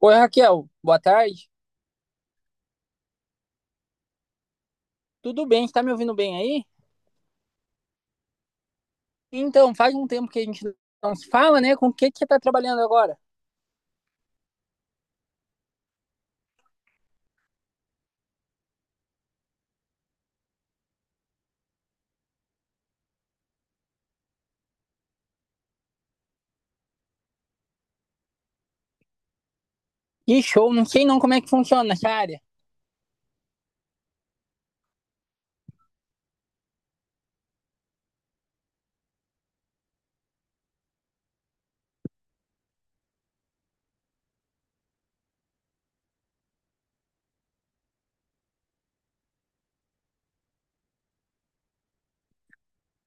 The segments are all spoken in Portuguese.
Oi, Raquel, boa tarde. Tudo bem? Está me ouvindo bem aí? Então, faz um tempo que a gente não se fala, né? Com o que que você está trabalhando agora? Que show, não sei não como é que funciona essa área.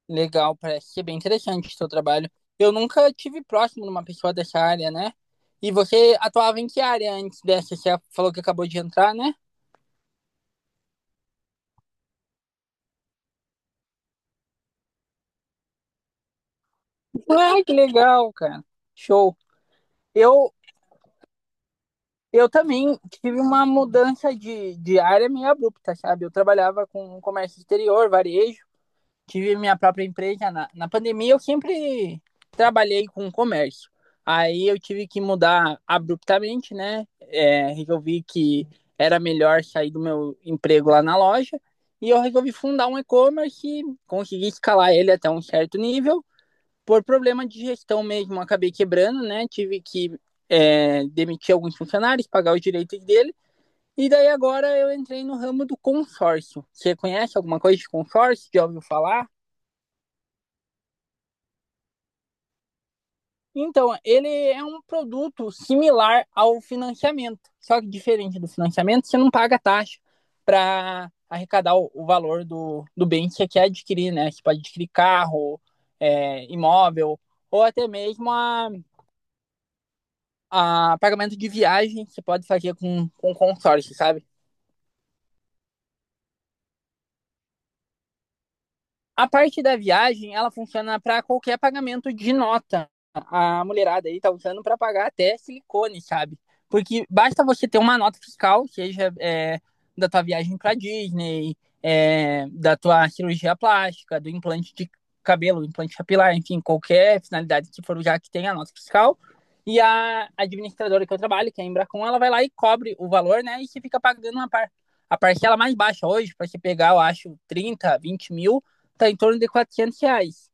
Legal, parece ser bem interessante o seu trabalho. Eu nunca tive próximo de uma pessoa dessa área, né? E você atuava em que área antes dessa? Você falou que acabou de entrar, né? Ah, que legal, cara. Show. Eu, eu também tive uma mudança de área meio abrupta, sabe? Eu trabalhava com comércio exterior, varejo. Tive minha própria empresa. Na pandemia, eu sempre trabalhei com comércio. Aí eu tive que mudar abruptamente, né? Resolvi que era melhor sair do meu emprego lá na loja. E eu resolvi fundar um e-commerce e consegui escalar ele até um certo nível. Por problema de gestão mesmo, acabei quebrando, né? Tive que demitir alguns funcionários, pagar os direitos dele. E daí agora eu entrei no ramo do consórcio. Você conhece alguma coisa de consórcio? Já ouviu falar? Então, ele é um produto similar ao financiamento, só que diferente do financiamento, você não paga taxa para arrecadar o valor do bem que você quer adquirir, né? Você pode adquirir carro, imóvel, ou até mesmo a pagamento de viagem que você pode fazer com consórcio, sabe? A parte da viagem, ela funciona para qualquer pagamento de nota. A mulherada aí tá usando para pagar até silicone, sabe? Porque basta você ter uma nota fiscal, seja da tua viagem para Disney, da tua cirurgia plástica, do implante de cabelo, implante capilar, enfim, qualquer finalidade que for já que tenha a nota fiscal. E a administradora que eu trabalho, que é a Embracon, ela vai lá e cobre o valor, né? E você fica pagando uma par a parcela mais baixa hoje, para você pegar, eu acho, 30, 20 mil, tá em torno de R$ 400.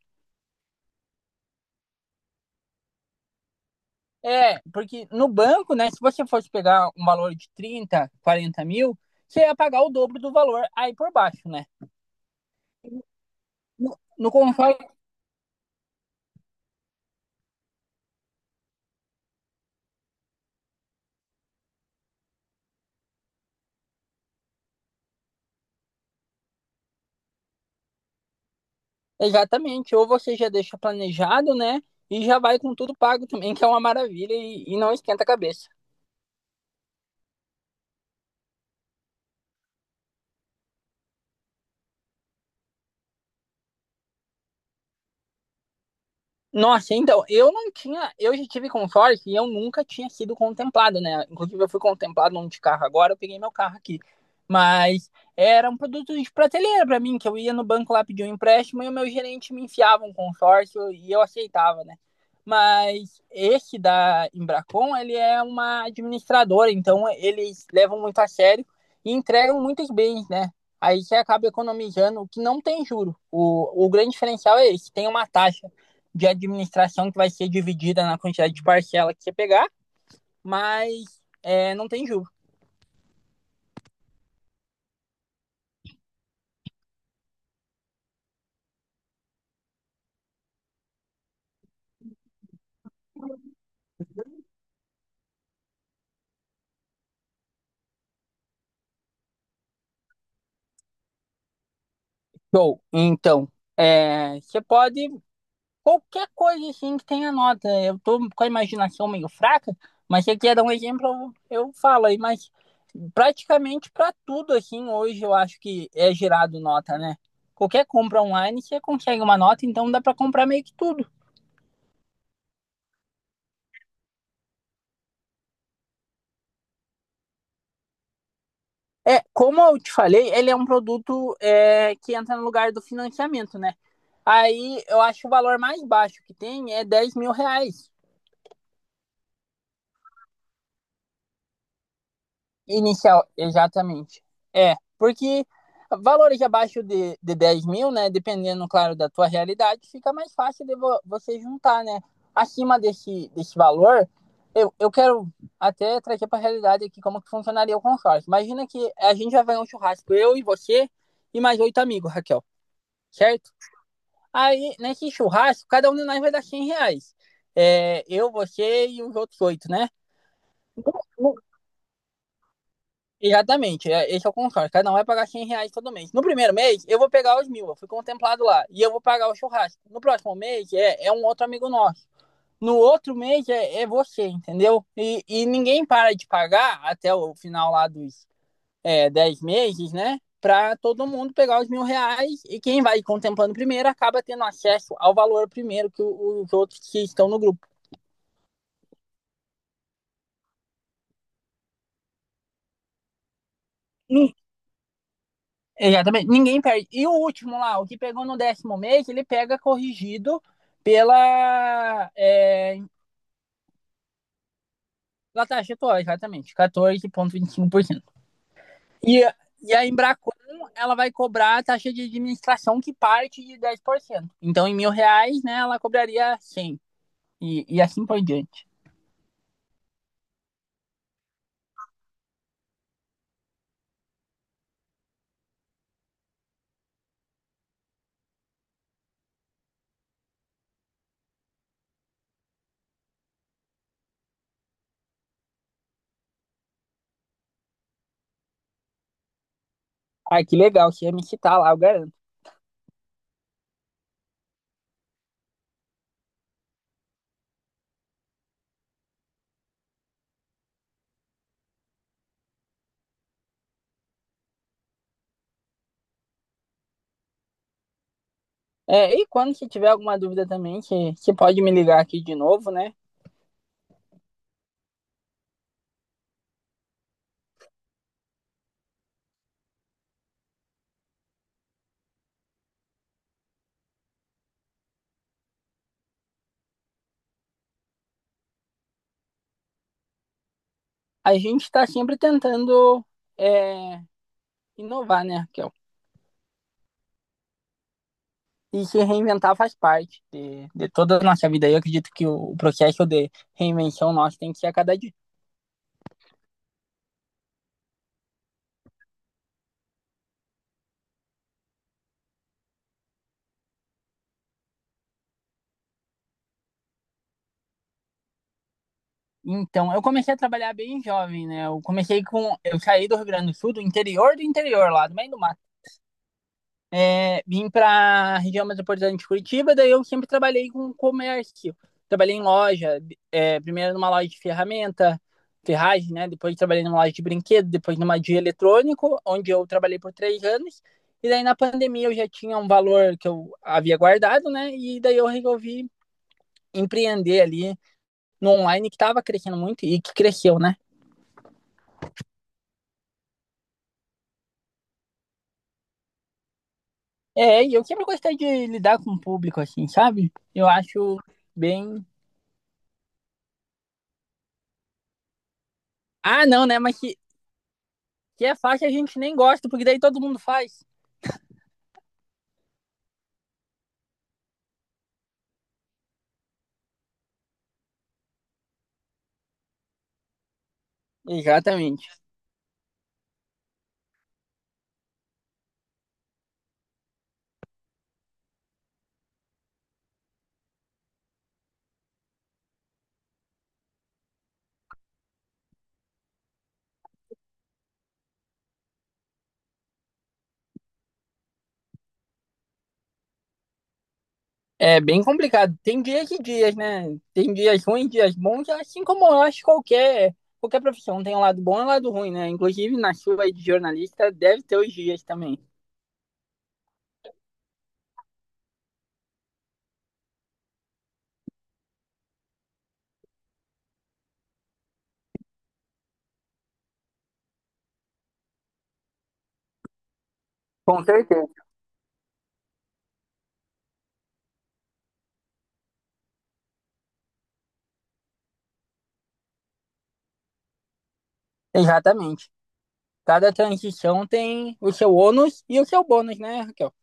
É, porque no banco, né, se você fosse pegar um valor de 30, 40 mil, você ia pagar o dobro do valor aí por baixo, né? No console, exatamente. Ou você já deixa planejado, né? E já vai com tudo pago também, que é uma maravilha e não esquenta a cabeça. Nossa, então, eu não tinha, eu já tive consórcio e eu nunca tinha sido contemplado, né? Inclusive, eu fui contemplado num de carro agora, eu peguei meu carro aqui. Mas era um produto de prateleira para mim, que eu ia no banco lá pedir um empréstimo e o meu gerente me enfiava um consórcio e eu aceitava, né? Mas esse da Embracon, ele é uma administradora, então eles levam muito a sério e entregam muitos bens, né? Aí você acaba economizando, o que não tem juro. O grande diferencial é esse, tem uma taxa de administração que vai ser dividida na quantidade de parcela que você pegar, mas não tem juros. Show. Então, você pode. Qualquer coisa assim que tenha nota. Eu tô com a imaginação meio fraca, mas se você quer dar um exemplo, eu falo aí, mas praticamente para tudo assim hoje eu acho que é gerado nota, né? Qualquer compra online você consegue uma nota, então dá para comprar meio que tudo. É, como eu te falei, ele é um produto que entra no lugar do financiamento, né? Aí eu acho que o valor mais baixo que tem é R$ 10.000 inicial, exatamente. É, porque valores abaixo de 10.000, né? Dependendo, claro, da tua realidade, fica mais fácil de vo você juntar, né? Acima desse, desse valor, eu quero até trazer para a realidade aqui como que funcionaria o consórcio. Imagina que a gente vai fazer um churrasco, eu e você e mais 8 amigos, Raquel, certo? Aí, nesse churrasco, cada um de nós vai dar R$ 100. É, eu, você e os outros 8, né? Exatamente, esse é o contrato. Cada um vai pagar R$ 100 todo mês. No primeiro mês, eu vou pegar os mil, eu fui contemplado lá. E eu vou pagar o churrasco. No próximo mês, é um outro amigo nosso. No outro mês, é você, entendeu? E ninguém para de pagar até o final lá dos 10 meses, né? Para todo mundo pegar os mil reais e quem vai contemplando primeiro acaba tendo acesso ao valor primeiro que os outros que estão no grupo. Ni- Exatamente, ninguém perde. E o último lá, o que pegou no décimo mês, ele pega corrigido pela, é, pela taxa atual, exatamente, quatorze vírgula vinte e cinco por cento. e e a Embracon, ela vai cobrar a taxa de administração que parte de 10%. Então, em mil reais, né, ela cobraria 100 e assim por diante. Ah, que legal, você ia me citar lá, eu garanto. É, e quando você tiver alguma dúvida também, que você pode me ligar aqui de novo, né? A gente está sempre tentando é, inovar, né, Raquel? E se reinventar faz parte de toda a nossa vida. Eu acredito que o processo de reinvenção nosso tem que ser a cada dia. Então, eu comecei a trabalhar bem jovem, né? Eu comecei com. Eu saí do Rio Grande do Sul, do interior, lá do meio do mato vim para a região metropolitana de Curitiba, daí eu sempre trabalhei com comércio. Trabalhei em loja, primeiro numa loja de ferramenta, ferragem, né? Depois trabalhei numa loja de brinquedo, depois numa de eletrônico, onde eu trabalhei por 3 anos. E daí na pandemia eu já tinha um valor que eu havia guardado, né? E daí eu resolvi empreender ali no online que estava crescendo muito e que cresceu, né? É, e eu sempre gostei de lidar com o público, assim, sabe? Eu acho bem. Ah, não, né? Mas que é fácil a gente nem gosta, porque daí todo mundo faz. Exatamente. É bem complicado. Tem dias e dias, né? Tem dias ruins, dias bons, assim como eu acho qualquer profissão. Tem um lado bom e um lado ruim, né? Inclusive na chuva de jornalista deve ter os dias também. Com certeza. Exatamente. Cada transição tem o seu ônus e o seu bônus, né, Raquel?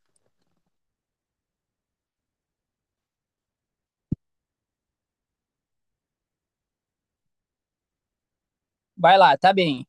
Vai lá, tá bem.